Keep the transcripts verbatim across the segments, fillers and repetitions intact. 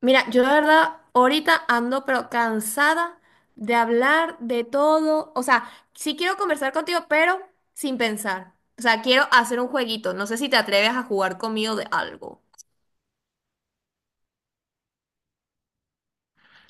Mira, yo la verdad ahorita ando pero cansada de hablar de todo. O sea, sí quiero conversar contigo, pero sin pensar. O sea, quiero hacer un jueguito. No sé si te atreves a jugar conmigo de algo.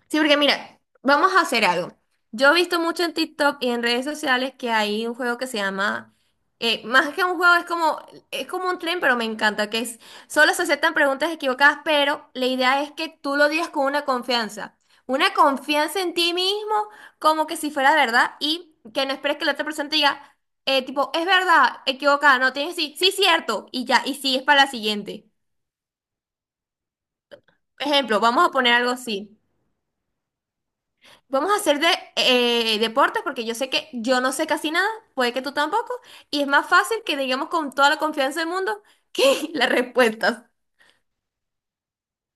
Sí, porque mira, vamos a hacer algo. Yo he visto mucho en TikTok y en redes sociales que hay un juego que se llama, eh, más que un juego, es como, es como un tren, pero me encanta, que es, solo se aceptan preguntas equivocadas, pero la idea es que tú lo digas con una confianza, una confianza en ti mismo, como que si fuera verdad, y que no esperes que la otra persona te diga, eh, tipo, es verdad, equivocada, no tienes sí, sí, cierto, y ya, y sigues para la siguiente. Ejemplo, vamos a poner algo así. Vamos a hacer de eh, deportes porque yo sé que yo no sé casi nada, puede que tú tampoco, y es más fácil que digamos con toda la confianza del mundo que las respuestas.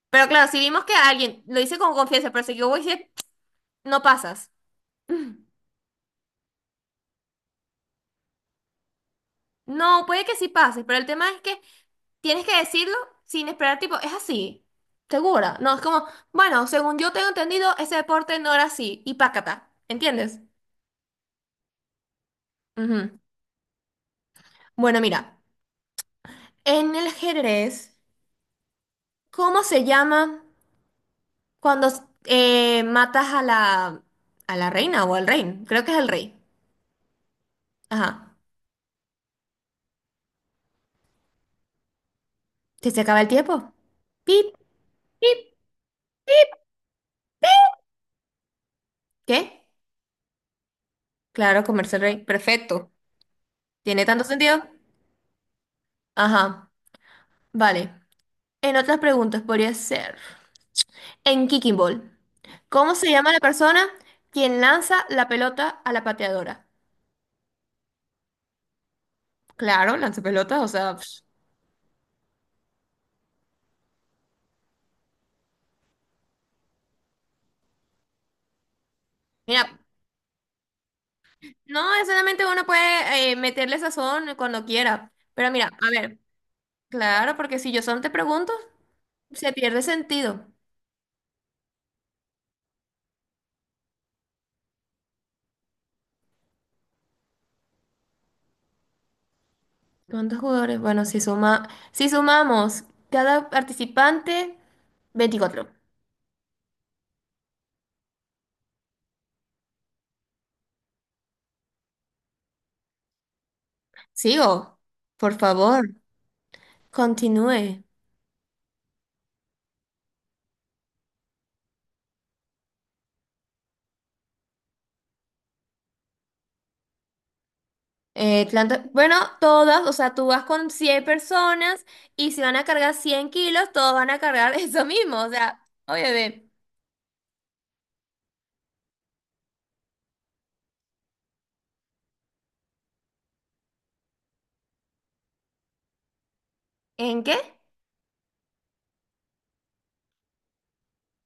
Pero claro, si vimos que alguien lo dice con confianza, pero si yo voy a decir, no pasas. Mm. No, puede que sí pases, pero el tema es que tienes que decirlo sin esperar, tipo, es así, segura. No, es como, bueno, según yo tengo entendido, ese deporte no era así, y pácata, ¿entiendes? Ujú. Bueno, mira, en el ajedrez, ¿cómo se llama? Cuando eh, matas a la, a la reina o al rey, creo que es el rey. Ajá. ¿Que se acaba el tiempo? Pip, pip. ¿Qué? Claro, comerse el rey. Perfecto. ¿Tiene tanto sentido? Ajá. Vale. En otras preguntas podría ser. En Kicking Ball, ¿cómo se llama la persona quien lanza la pelota a la pateadora? Claro, lanza pelotas, o sea, pf, mira, no necesariamente uno puede eh, meterle sazón cuando quiera, pero mira, a ver. Claro, porque si yo solo te pregunto, se pierde sentido. ¿Cuántos jugadores? Bueno, si suma, si sumamos cada participante, veinticuatro. Sigo, por favor, continúe. Eh, tanto- bueno, todas, o sea, tú vas con cien personas y si van a cargar cien kilos, todos van a cargar eso mismo. O sea, oye, ¿en qué?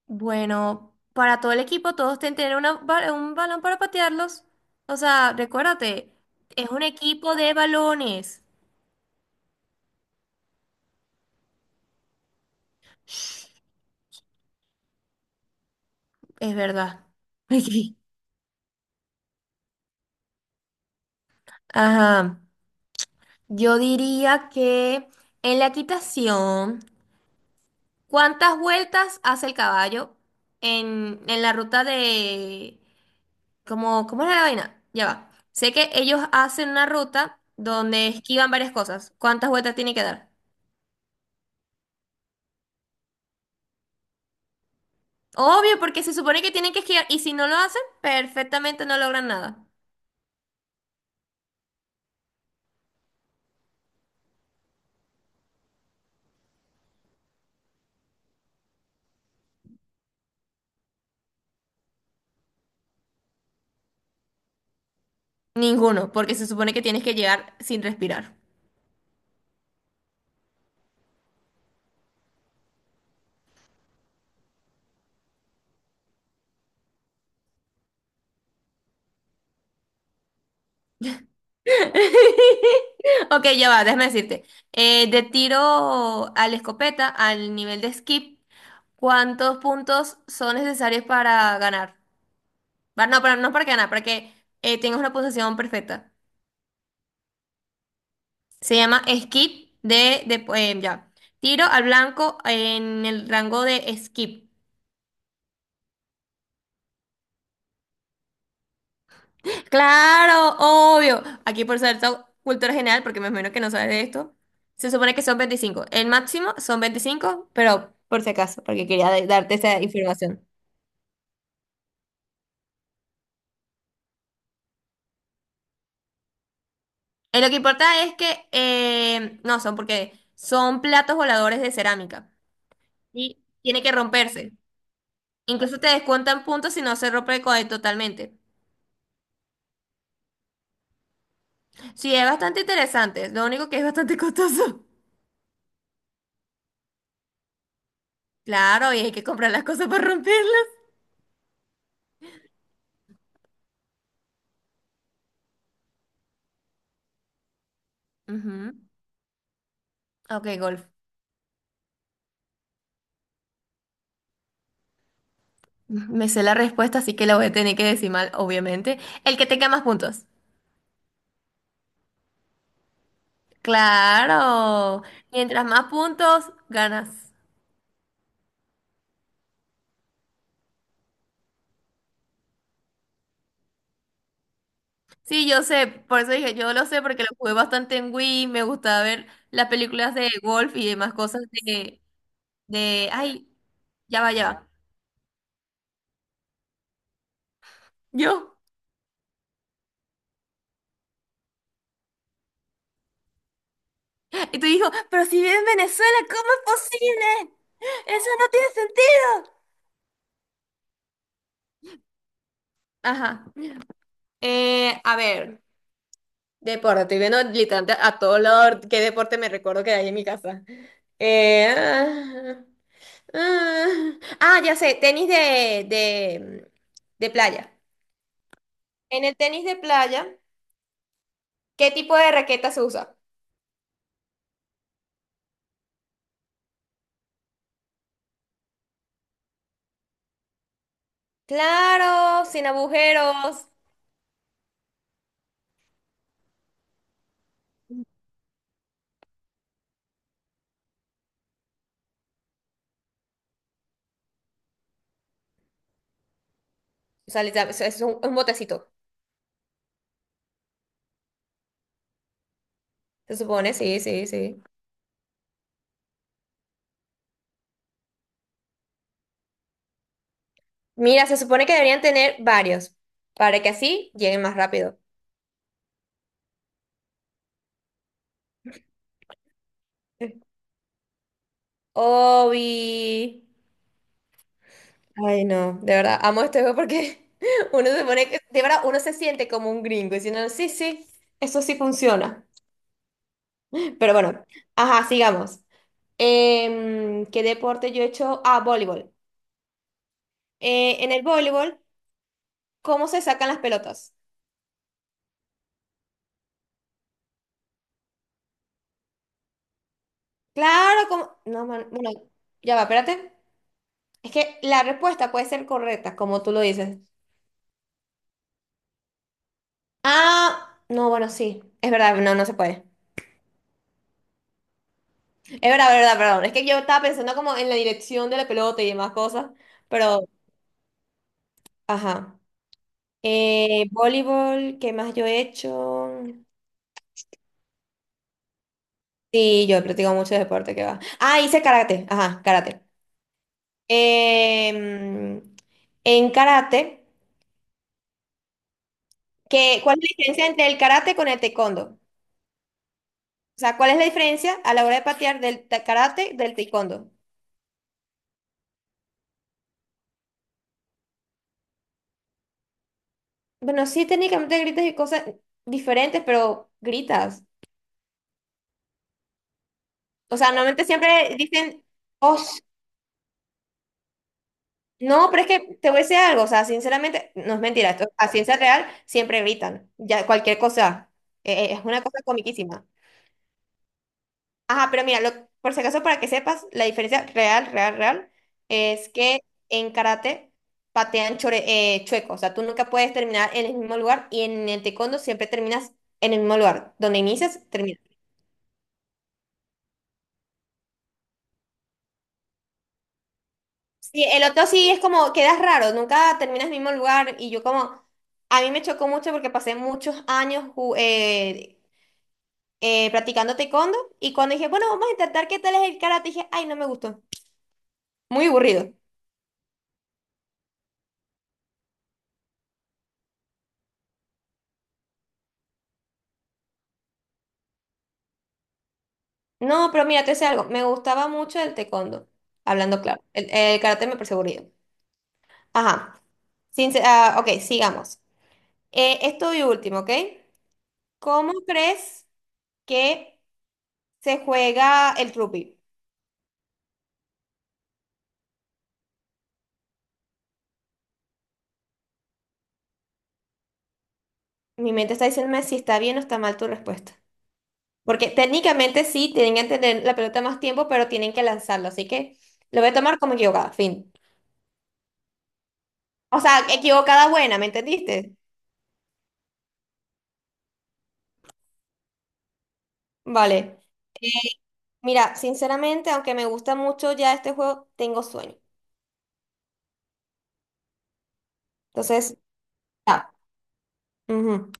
Bueno, para todo el equipo, todos tienen que tener una ba- un balón para patearlos. O sea, recuérdate, es un equipo de balones. Es verdad. Ajá. Yo diría que en la equitación, ¿cuántas vueltas hace el caballo en, en la ruta de... cómo ¿cómo era la vaina? Ya va. Sé que ellos hacen una ruta donde esquivan varias cosas. ¿Cuántas vueltas tiene que dar? Obvio, porque se supone que tienen que esquivar y si no lo hacen, perfectamente no logran nada. Ninguno, porque se supone que tienes que llegar sin respirar. Ok, ya va, déjame decirte. Eh, de tiro a la escopeta, al nivel de skip, ¿cuántos puntos son necesarios para ganar? Va, no, pero no para ganar, para que eh, tengas una puntuación perfecta. Se llama skip de, de- eh, ya. Tiro al blanco en el rango de skip. Claro, obvio. Aquí por ser so- cultura general, porque me imagino que no sabes de esto, se supone que son veinticinco. El máximo son veinticinco, pero por si acaso, porque quería de- darte esa información. Eh, lo que importa es que, eh, no, son porque son platos voladores de cerámica y tiene que romperse. Incluso te descuentan puntos si no se rompe co- totalmente. Sí, es bastante interesante, lo único que es bastante costoso. Claro, y hay que comprar las cosas para romperlas. Ujú. Ok, golf. Me sé la respuesta, así que la voy a tener que decir mal, obviamente. El que tenga más puntos. Claro. Mientras más puntos, ganas. Sí, yo sé. Por eso dije, yo lo sé porque lo jugué bastante en Wii. Me gustaba ver las películas de golf y demás cosas de, de... Ay, ya va, ya va. Yo. Y tú dijo, pero si vive en Venezuela, ¿cómo es posible? Eso no tiene sentido. Ajá. Eh, a ver. Deporte, estoy viendo literalmente a todo lado qué deporte me recuerdo que hay en mi casa. Eh, ah, ah, ah, ya sé, tenis de, de, de playa. En el tenis de playa, ¿qué tipo de raqueta se usa? Claro, sin agujeros. O sea, literal, es es un, un botecito, se supone, sí, sí, sí. Mira, se supone que deberían tener varios, para que así lleguen más rápido. Obi. Ay, no, de verdad, amo este juego porque uno se pone, que- de verdad, uno se siente como un gringo diciendo, sí, sí, eso sí funciona. Pero bueno, ajá, sigamos. Em, ¿qué deporte yo he hecho? Ah, voleibol. Eh, en el voleibol, ¿cómo se sacan las pelotas? Claro, como... No, man- bueno, ya va, espérate. Es que la respuesta puede ser correcta, como tú lo dices. Ah, no, bueno, sí, es verdad, no, no se puede. Es verdad, verdad, perdón. Es que yo estaba pensando como en la dirección de la pelota y demás cosas, pero... Ajá. Eh, voleibol, ¿qué más yo he hecho? Sí, yo he practicado mucho deporte, ¿qué va? Ah, hice karate. Ajá, karate. Em, en karate, ¿qué, ¿cuál es la diferencia entre el karate con el taekwondo? O sea, ¿cuál es la diferencia a la hora de patear del ta- karate del taekwondo? Bueno, sí, técnicamente gritas y cosas diferentes, pero gritas. O sea, normalmente siempre dicen, oh. No, pero es que te voy a decir algo, o sea, sinceramente, no es mentira, esto, a ciencia real siempre gritan, ya cualquier cosa, eh, eh, es una cosa comiquísima. Ajá, pero mira, lo- por si acaso, para que sepas, la diferencia real, real, real, es que en karate patean chore- eh, chueco, o sea, tú nunca puedes terminar en el mismo lugar y en el taekwondo siempre terminas en el mismo lugar, donde inicias, terminas. Sí, el otro sí es como, quedas raro, nunca terminas en el mismo lugar y yo como, a mí me chocó mucho porque pasé muchos años ju- eh, eh, practicando taekwondo y cuando dije, bueno, vamos a intentar qué tal es el karate, dije, ay, no me gustó, muy aburrido. No, pero mira, te sé algo, me gustaba mucho el taekwondo, hablando claro, el, el karate me pareció aburrido. Ajá. Sin, Ah, ok, sigamos. Eh, esto y último, ¿ok? ¿Cómo crees que se juega el rugby? Mi mente está diciéndome si está bien o está mal tu respuesta. Porque técnicamente sí, tienen que tener la pelota más tiempo, pero tienen que lanzarlo, así que lo voy a tomar como equivocada, fin. O sea, equivocada buena, ¿me entendiste? Vale. Mira, sinceramente, aunque me gusta mucho ya este juego, tengo sueño. Entonces, ya. Ujú.